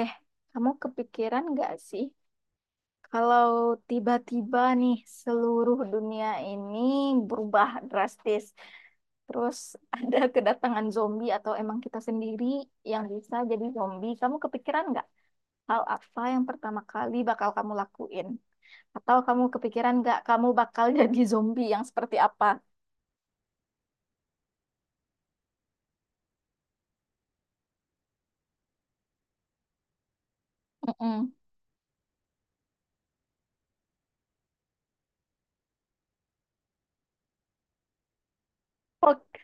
Eh, kamu kepikiran nggak sih kalau tiba-tiba nih seluruh dunia ini berubah drastis, terus ada kedatangan zombie atau emang kita sendiri yang bisa jadi zombie, kamu kepikiran nggak hal apa yang pertama kali bakal kamu lakuin? Atau kamu kepikiran nggak kamu bakal jadi zombie yang seperti apa? Mm-mm. Oke,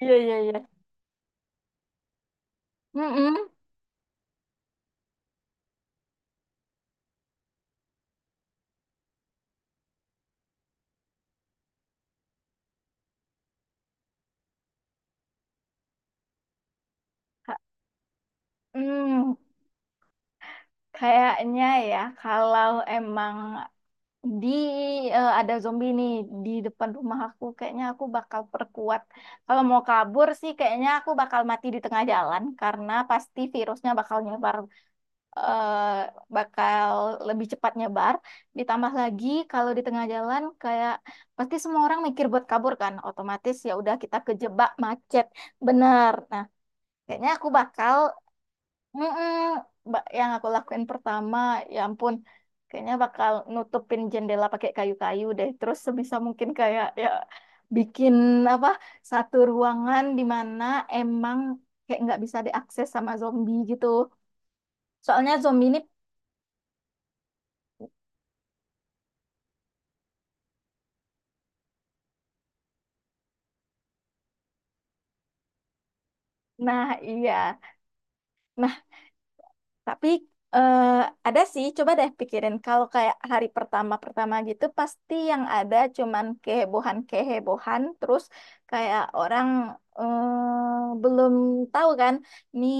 iya, iya, iya. Mm-mm. Ha- Hmm, kayaknya ya kalau emang di ada zombie nih di depan rumah aku kayaknya aku bakal perkuat. Kalau mau kabur sih kayaknya aku bakal mati di tengah jalan karena pasti virusnya bakal nyebar, eh, bakal lebih cepat nyebar. Ditambah lagi kalau di tengah jalan kayak pasti semua orang mikir buat kabur kan, otomatis ya udah kita kejebak macet. Bener. Nah, kayaknya aku bakal, Mm-mm. Yang aku lakuin pertama, ya ampun, kayaknya bakal nutupin jendela pakai kayu-kayu deh. Terus sebisa mungkin kayak ya, bikin apa, satu ruangan di mana emang kayak nggak bisa diakses sama zombie gitu. Soalnya zombie ini, nah iya. Tapi eh, ada sih, coba deh pikirin kalau kayak hari pertama-pertama gitu pasti yang ada cuman kehebohan-kehebohan. Terus kayak orang belum tahu kan nih,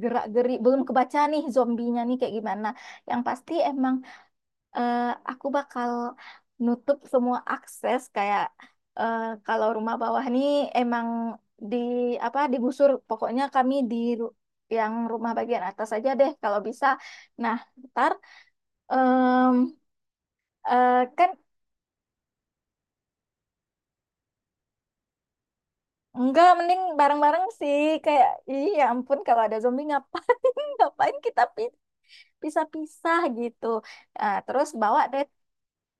gerak-geri belum kebaca nih zombinya nih kayak gimana. Yang pasti emang eh, aku bakal nutup semua akses kayak kalau rumah bawah nih emang di apa digusur, pokoknya kami yang rumah bagian atas aja deh kalau bisa. Nah, ntar em, kan enggak, mending bareng-bareng sih kayak, iya ya ampun kalau ada zombie ngapain ngapain pisah-pisah gitu. Nah, terus bawa deh.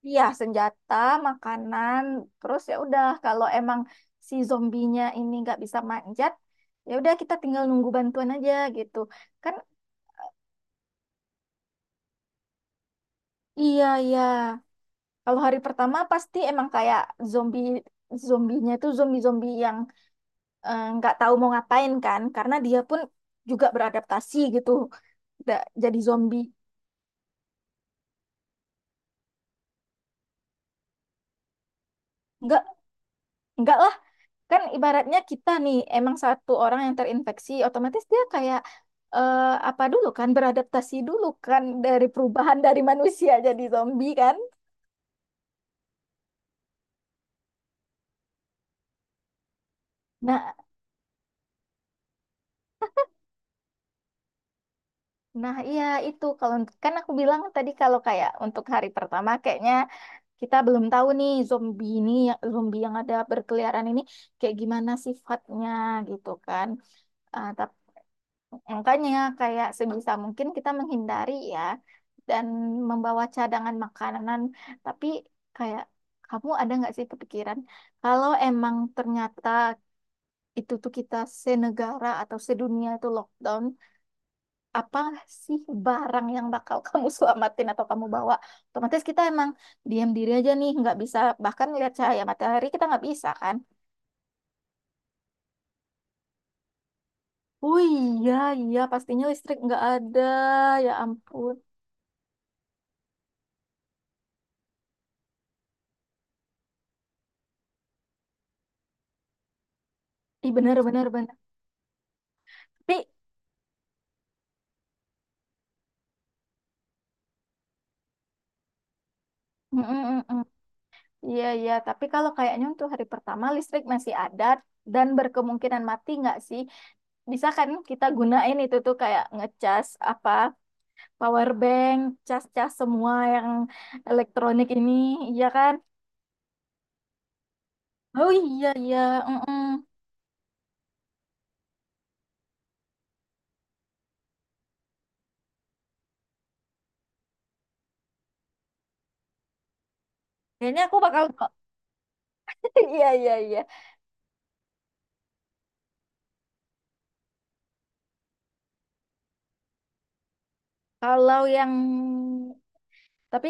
Iya, senjata, makanan, terus ya udah kalau emang si zombinya ini nggak bisa manjat, ya udah kita tinggal nunggu bantuan aja gitu. Kan iya iya. Kalau hari pertama pasti emang kayak zombie zombinya itu zombie-zombie yang nggak tahu mau ngapain kan, karena dia pun juga beradaptasi gitu, jadi zombie. Nggak nggak, kan ibaratnya kita nih emang satu orang yang terinfeksi otomatis dia kayak eh, apa dulu kan, beradaptasi dulu kan, dari perubahan dari manusia jadi zombie kan. Nah, nah iya itu kalau, kan aku bilang tadi kalau kayak untuk hari pertama kayaknya kita belum tahu nih zombie ini, zombie yang ada berkeliaran ini kayak gimana sifatnya gitu kan. Ah, tapi makanya kayak sebisa mungkin kita menghindari ya, dan membawa cadangan makanan. Tapi kayak kamu ada nggak sih kepikiran kalau emang ternyata itu tuh kita senegara atau sedunia itu lockdown, apa sih barang yang bakal kamu selamatin atau kamu bawa? Otomatis kita emang diam diri aja nih, nggak bisa bahkan lihat cahaya matahari kita nggak bisa kan? Oh iya, iya pastinya listrik nggak ada, ya ampun. Ih benar benar benar. Tapi, Mm-mm-mm. Iya, iya. Tapi kalau kayaknya untuk hari pertama listrik masih ada dan berkemungkinan mati nggak sih? Bisa kan kita gunain itu tuh kayak ngecas apa, power bank, cas-cas semua yang elektronik ini, iya kan? Oh iya, iya. Mm-mm. Kayaknya aku bakal. Iya, iya, iya. Kalau yang, tapi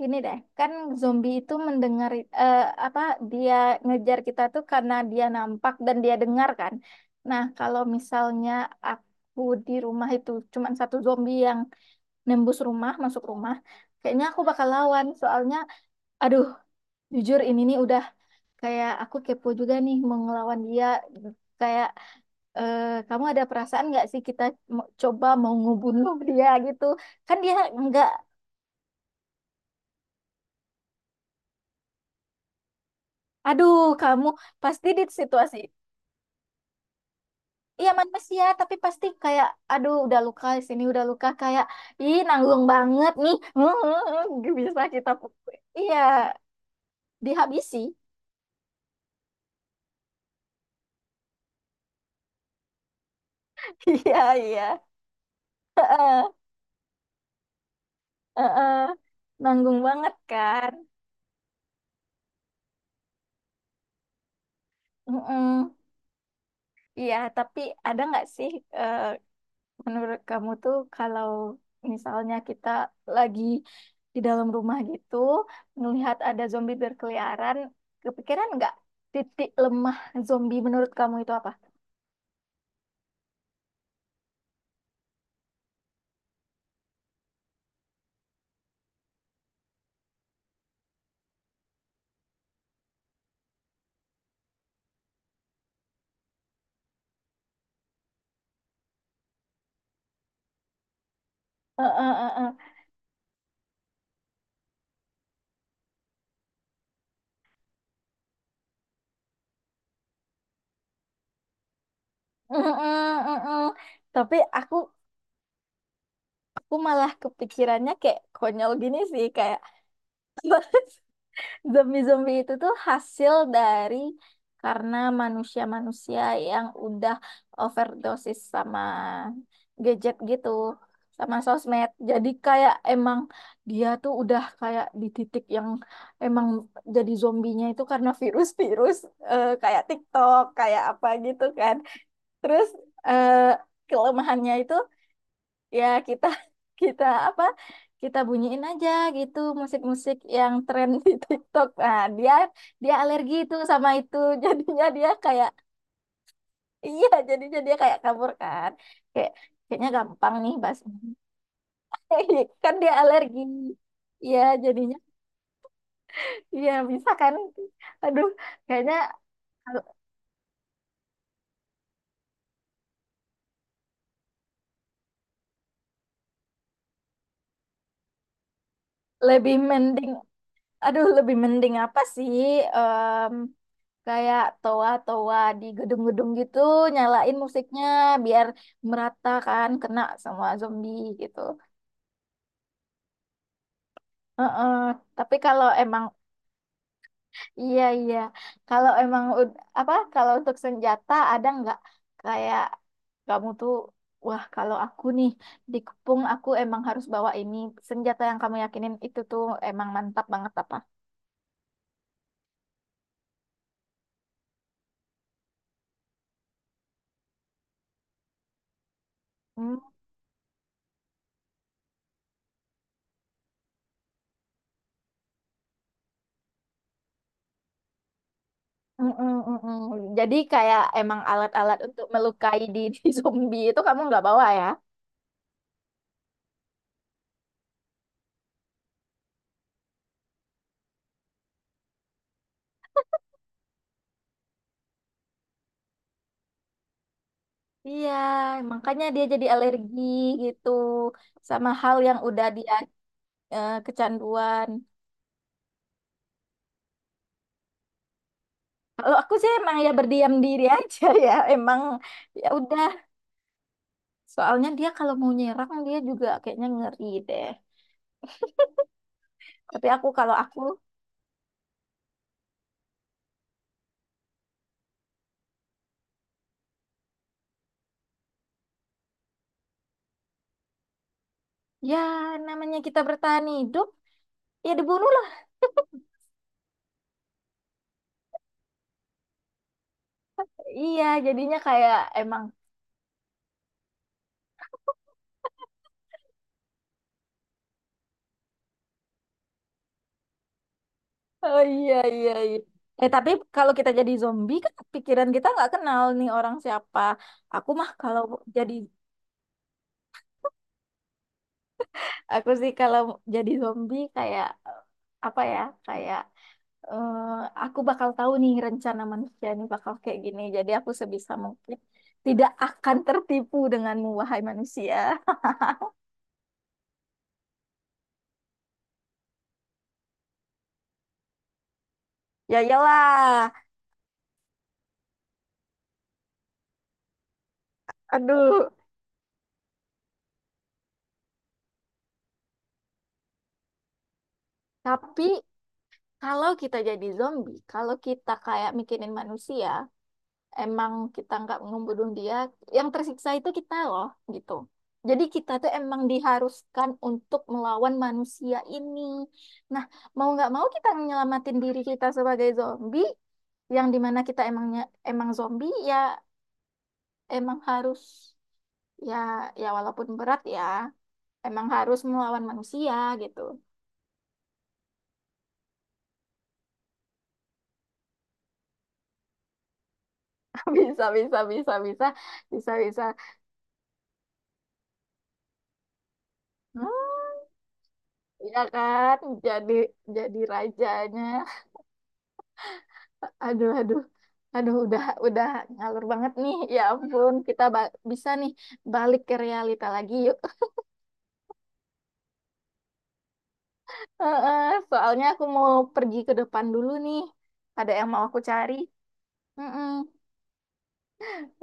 gini deh, kan zombie itu mendengar eh, apa, dia ngejar kita tuh karena dia nampak dan dia dengar kan. Nah, kalau misalnya aku di rumah itu cuman satu zombie yang nembus rumah, masuk rumah, kayaknya aku bakal lawan. Soalnya, aduh, jujur ini nih udah kayak aku kepo juga nih mau ngelawan dia. Kayak kamu ada perasaan nggak sih kita coba mau ngebunuh dia gitu? Kan dia nggak, aduh, kamu pasti di situasi. Iya manusia, tapi pasti kayak, aduh udah luka di sini udah luka kayak, ih nanggung banget nih. Bisa kita pukul. Iya, dihabisi. Iya, iya. Heeh, heeh. Nanggung banget kan. Mm-mm. Iya, tapi ada nggak sih eh, menurut kamu tuh kalau misalnya kita lagi di dalam rumah gitu, melihat ada zombie berkeliaran, kepikiran nggak titik lemah zombie menurut kamu itu apa? Eh, eh, eh, eh. Mm, mm, mm, mm. Tapi aku malah kepikirannya kayak konyol gini sih kayak zombie-zombie itu tuh hasil dari, karena manusia-manusia yang udah overdosis sama gadget gitu, sama sosmed. Jadi kayak emang dia tuh udah kayak di titik yang emang jadi zombinya itu karena virus-virus kayak TikTok, kayak apa gitu kan. Terus eh, kelemahannya itu ya kita kita apa, kita bunyiin aja gitu musik-musik yang tren di TikTok. Nah, dia dia alergi itu sama itu jadinya dia kayak, iya jadinya dia kayak kabur kan kayak, kayaknya gampang nih bahas. Kan dia alergi. Iya jadinya, iya bisa kan, aduh kayaknya lebih mending, aduh lebih mending apa sih kayak toa-toa di gedung-gedung gitu nyalain musiknya biar merata kan kena sama zombie gitu. Heeh. Tapi kalau emang iya iya, kalau emang apa, kalau untuk senjata ada nggak kayak kamu tuh, wah kalau aku nih dikepung aku emang harus bawa ini, senjata yang kamu yakinin itu tuh emang mantap banget apa? Hmm, mm, mm, mm, mm. Jadi kayak emang alat-alat untuk melukai di di zombie itu kamu nggak bawa ya? Iya, makanya dia jadi alergi gitu sama hal yang udah dia kecanduan. Kalau aku sih emang ya berdiam diri aja ya, emang ya udah. Soalnya dia kalau mau nyerang dia juga kayaknya ngeri deh. Tapi aku, kalau aku ya namanya kita bertahan hidup ya dibunuhlah. Iya, jadinya kayak emang, oh iya iya iya. Eh tapi kalau kita jadi zombie kan pikiran kita nggak kenal nih orang siapa. Aku mah kalau jadi, aku sih kalau jadi zombie kayak apa ya? Kayak eh, aku bakal tahu nih rencana manusia nih bakal kayak gini. Jadi aku sebisa mungkin tidak akan tertipu denganmu wahai manusia. Ya iyalah. Aduh. Tapi kalau kita jadi zombie, kalau kita kayak mikirin manusia, emang kita nggak ngebunuh dia, yang tersiksa itu kita loh, gitu. Jadi kita tuh emang diharuskan untuk melawan manusia ini. Nah, mau nggak mau kita nyelamatin diri kita sebagai zombie, yang dimana kita emangnya emang zombie ya emang harus ya, ya walaupun berat ya emang harus melawan manusia gitu. Bisa bisa bisa bisa bisa bisa. Hmm, ya kan? Jadi jadi rajanya. Aduh, aduh, aduh, udah ngalur banget nih. Ya ampun, kita bisa nih balik ke realita lagi yuk. Heeh, soalnya aku mau pergi ke depan dulu nih. Ada yang mau aku cari. Mm-mm.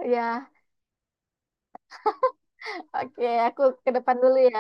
Ya, oke, aku ke depan dulu ya.